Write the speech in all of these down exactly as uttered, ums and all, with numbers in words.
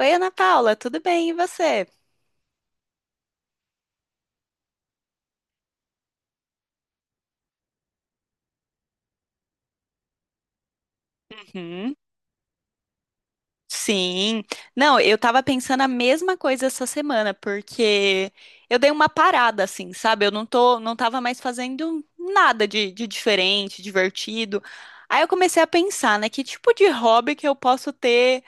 Oi, Ana Paula, tudo bem? E você? Uhum. Sim. Não, eu tava pensando a mesma coisa essa semana, porque eu dei uma parada, assim, sabe? Eu não tô, não tava mais fazendo nada de, de diferente, divertido. Aí eu comecei a pensar, né? Que tipo de hobby que eu posso ter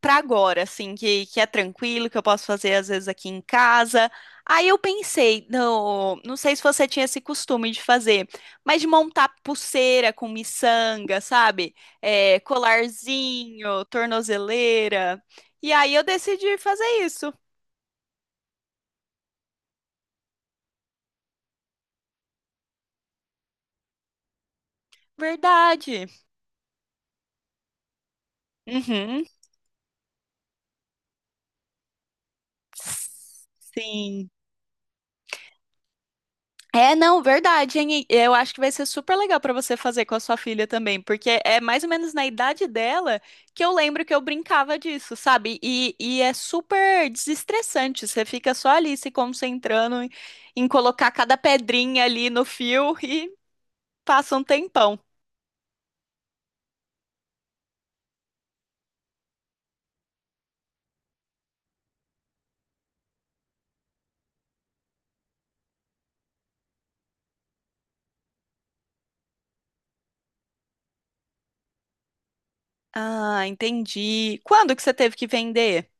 para agora, assim, que, que é tranquilo, que eu posso fazer às vezes aqui em casa. Aí eu pensei, não, não sei se você tinha esse costume de fazer, mas de montar pulseira com miçanga, sabe? É, colarzinho, tornozeleira. E aí eu decidi fazer isso. Verdade. Uhum. Sim. É, não, verdade, hein? E eu acho que vai ser super legal pra você fazer com a sua filha também, porque é mais ou menos na idade dela que eu lembro que eu brincava disso, sabe? E, e é super desestressante, você fica só ali se concentrando em, em colocar cada pedrinha ali no fio e passa um tempão. Ah, entendi. Quando que você teve que vender?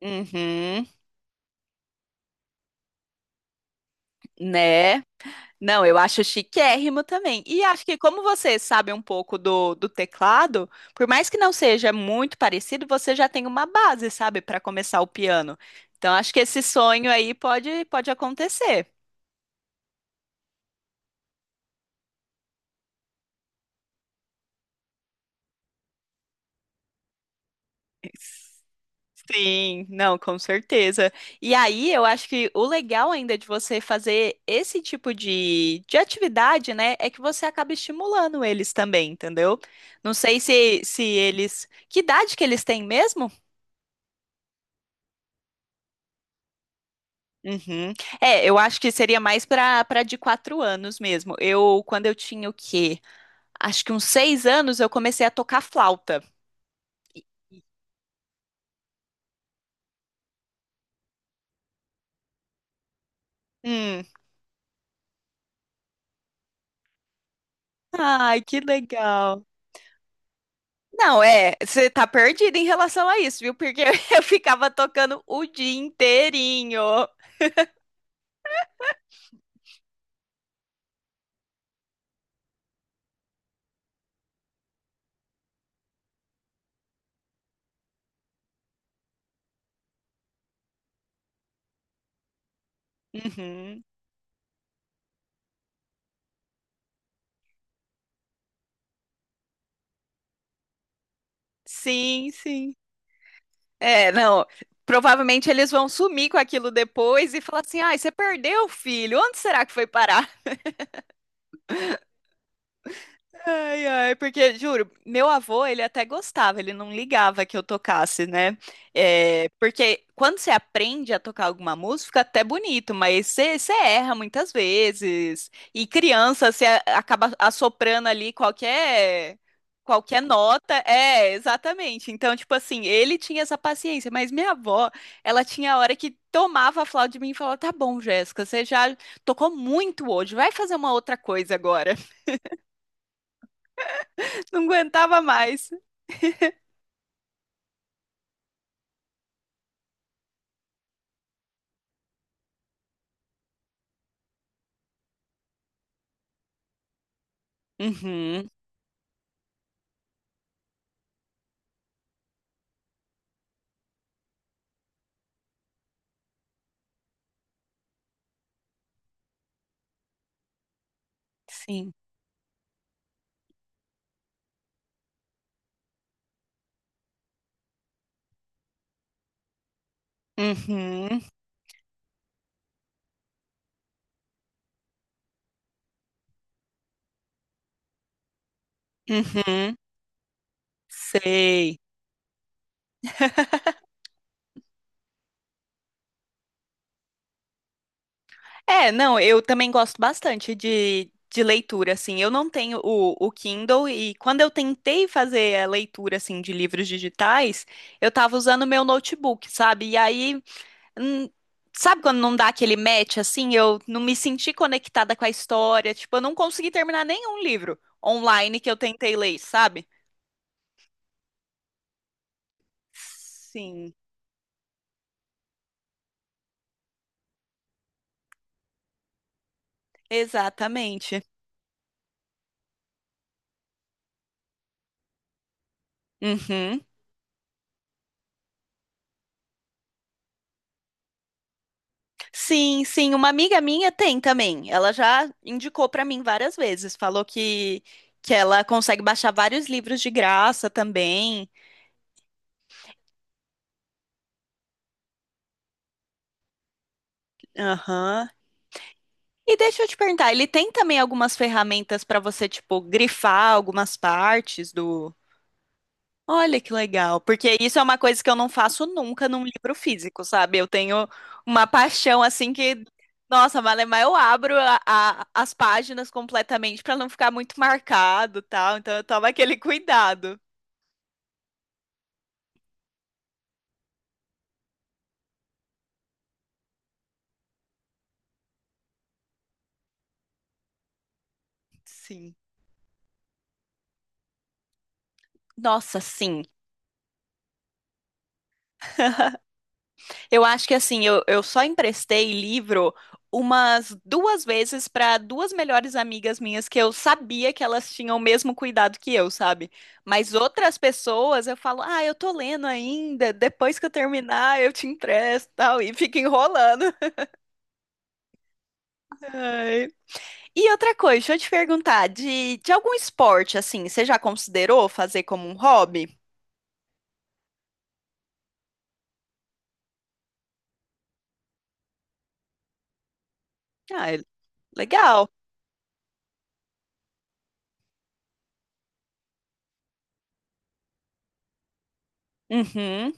Uhum. Né? Não, eu acho chiquérrimo também. E acho que como você sabe um pouco do, do teclado, por mais que não seja muito parecido, você já tem uma base, sabe, para começar o piano. Então acho que esse sonho aí pode pode acontecer. Sim, não, com certeza. E aí, eu acho que o legal ainda de você fazer esse tipo de, de atividade, né, é que você acaba estimulando eles também, entendeu? Não sei se, se eles. Que idade que eles têm mesmo? Uhum. É, eu acho que seria mais para para de quatro anos mesmo. Eu, quando eu tinha o quê? Acho que uns seis anos eu comecei a tocar flauta. Hum. Ai, que legal. Não, é, você tá perdida em relação a isso, viu? Porque eu ficava tocando o dia inteirinho. Uhum. Sim, sim. É, não. Provavelmente eles vão sumir com aquilo depois e falar assim: ai, você perdeu, filho, onde será que foi parar? Ai, ai, porque, juro, meu avô, ele até gostava, ele não ligava que eu tocasse, né? É, porque quando você aprende a tocar alguma música, fica até bonito, mas você, você erra muitas vezes. E criança, você a- acaba assoprando ali qualquer, qualquer nota. É, exatamente. Então, tipo assim, ele tinha essa paciência, mas minha avó, ela tinha a hora que tomava a flauta de mim e falava, tá bom, Jéssica, você já tocou muito hoje, vai fazer uma outra coisa agora. Não aguentava mais. Uhum, sim. Uhum, uhum, sei. É, não, eu também gosto bastante de, de leitura, assim. Eu não tenho o, o Kindle e quando eu tentei fazer a leitura, assim, de livros digitais, eu tava usando meu notebook, sabe? E aí, hum, sabe quando não dá aquele match, assim? Eu não me senti conectada com a história, tipo, eu não consegui terminar nenhum livro online que eu tentei ler, sabe? Sim. Exatamente. Uhum. Sim, sim, uma amiga minha tem também. Ela já indicou para mim várias vezes, falou que que ela consegue baixar vários livros de graça também. Aham. E deixa eu te perguntar, ele tem também algumas ferramentas para você, tipo, grifar algumas partes. Olha que legal, porque isso é uma coisa que eu não faço nunca num livro físico, sabe? Eu tenho uma paixão assim que, nossa, Malemar, eu abro a- a- as páginas completamente para não ficar muito marcado, tal. Então eu tomo aquele cuidado. Sim. Nossa, sim. Eu acho que assim, eu, eu só emprestei livro umas duas vezes para duas melhores amigas minhas que eu sabia que elas tinham o mesmo cuidado que eu, sabe? Mas outras pessoas eu falo, ah, eu tô lendo ainda, depois que eu terminar eu te empresto, tal, e fica enrolando. Ai. E outra coisa, deixa eu te perguntar, de, de algum esporte assim, você já considerou fazer como um hobby? Ah, é legal. Uhum.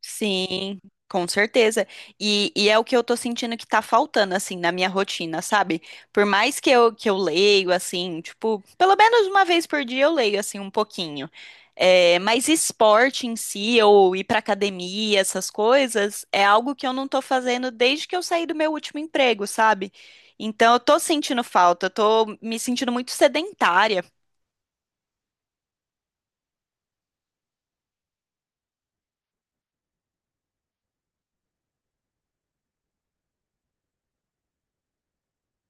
Sim, com certeza. E, e é o que eu tô sentindo que tá faltando, assim, na minha rotina, sabe? Por mais que eu, que eu leio, assim, tipo, pelo menos uma vez por dia eu leio, assim, um pouquinho. É, mas esporte em si, ou ir pra academia, essas coisas, é algo que eu não tô fazendo desde que eu saí do meu último emprego, sabe? Então eu tô sentindo falta, eu tô me sentindo muito sedentária.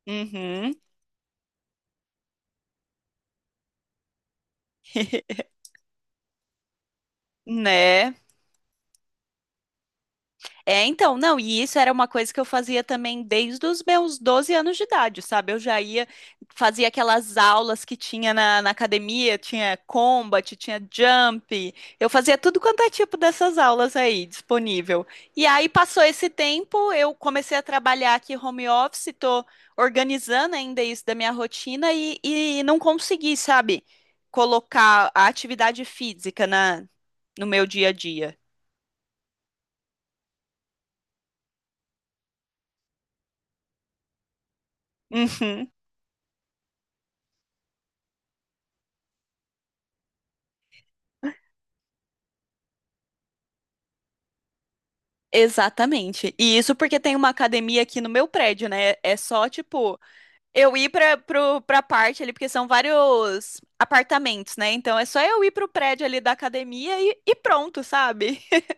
Uhum, né? É, então, não, e isso era uma coisa que eu fazia também desde os meus doze anos de idade, sabe? Eu já ia, fazia aquelas aulas que tinha na, na academia, tinha combat, tinha jump, eu fazia tudo quanto é tipo dessas aulas aí, disponível. E aí passou esse tempo, eu comecei a trabalhar aqui home office, tô organizando ainda isso da minha rotina e, e não consegui, sabe, colocar a atividade física na, no meu dia a dia. Uhum. Exatamente. E isso porque tem uma academia aqui no meu prédio, né? É só, tipo, eu ir pra, pro, pra parte ali, porque são vários apartamentos, né? Então é só eu ir pro prédio ali da academia e, e pronto, sabe?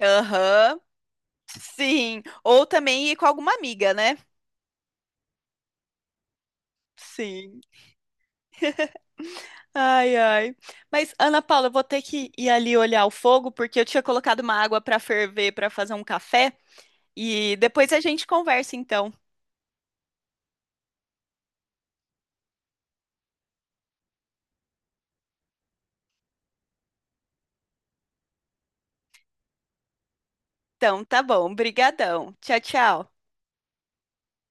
Aham. Sim. Ou também ir com alguma amiga, né? Sim. Ai, ai. Mas, Ana Paula, eu vou ter que ir ali olhar o fogo, porque eu tinha colocado uma água pra ferver pra fazer um café. E depois a gente conversa, então. Então, tá bom. Brigadão. Tchau, tchau.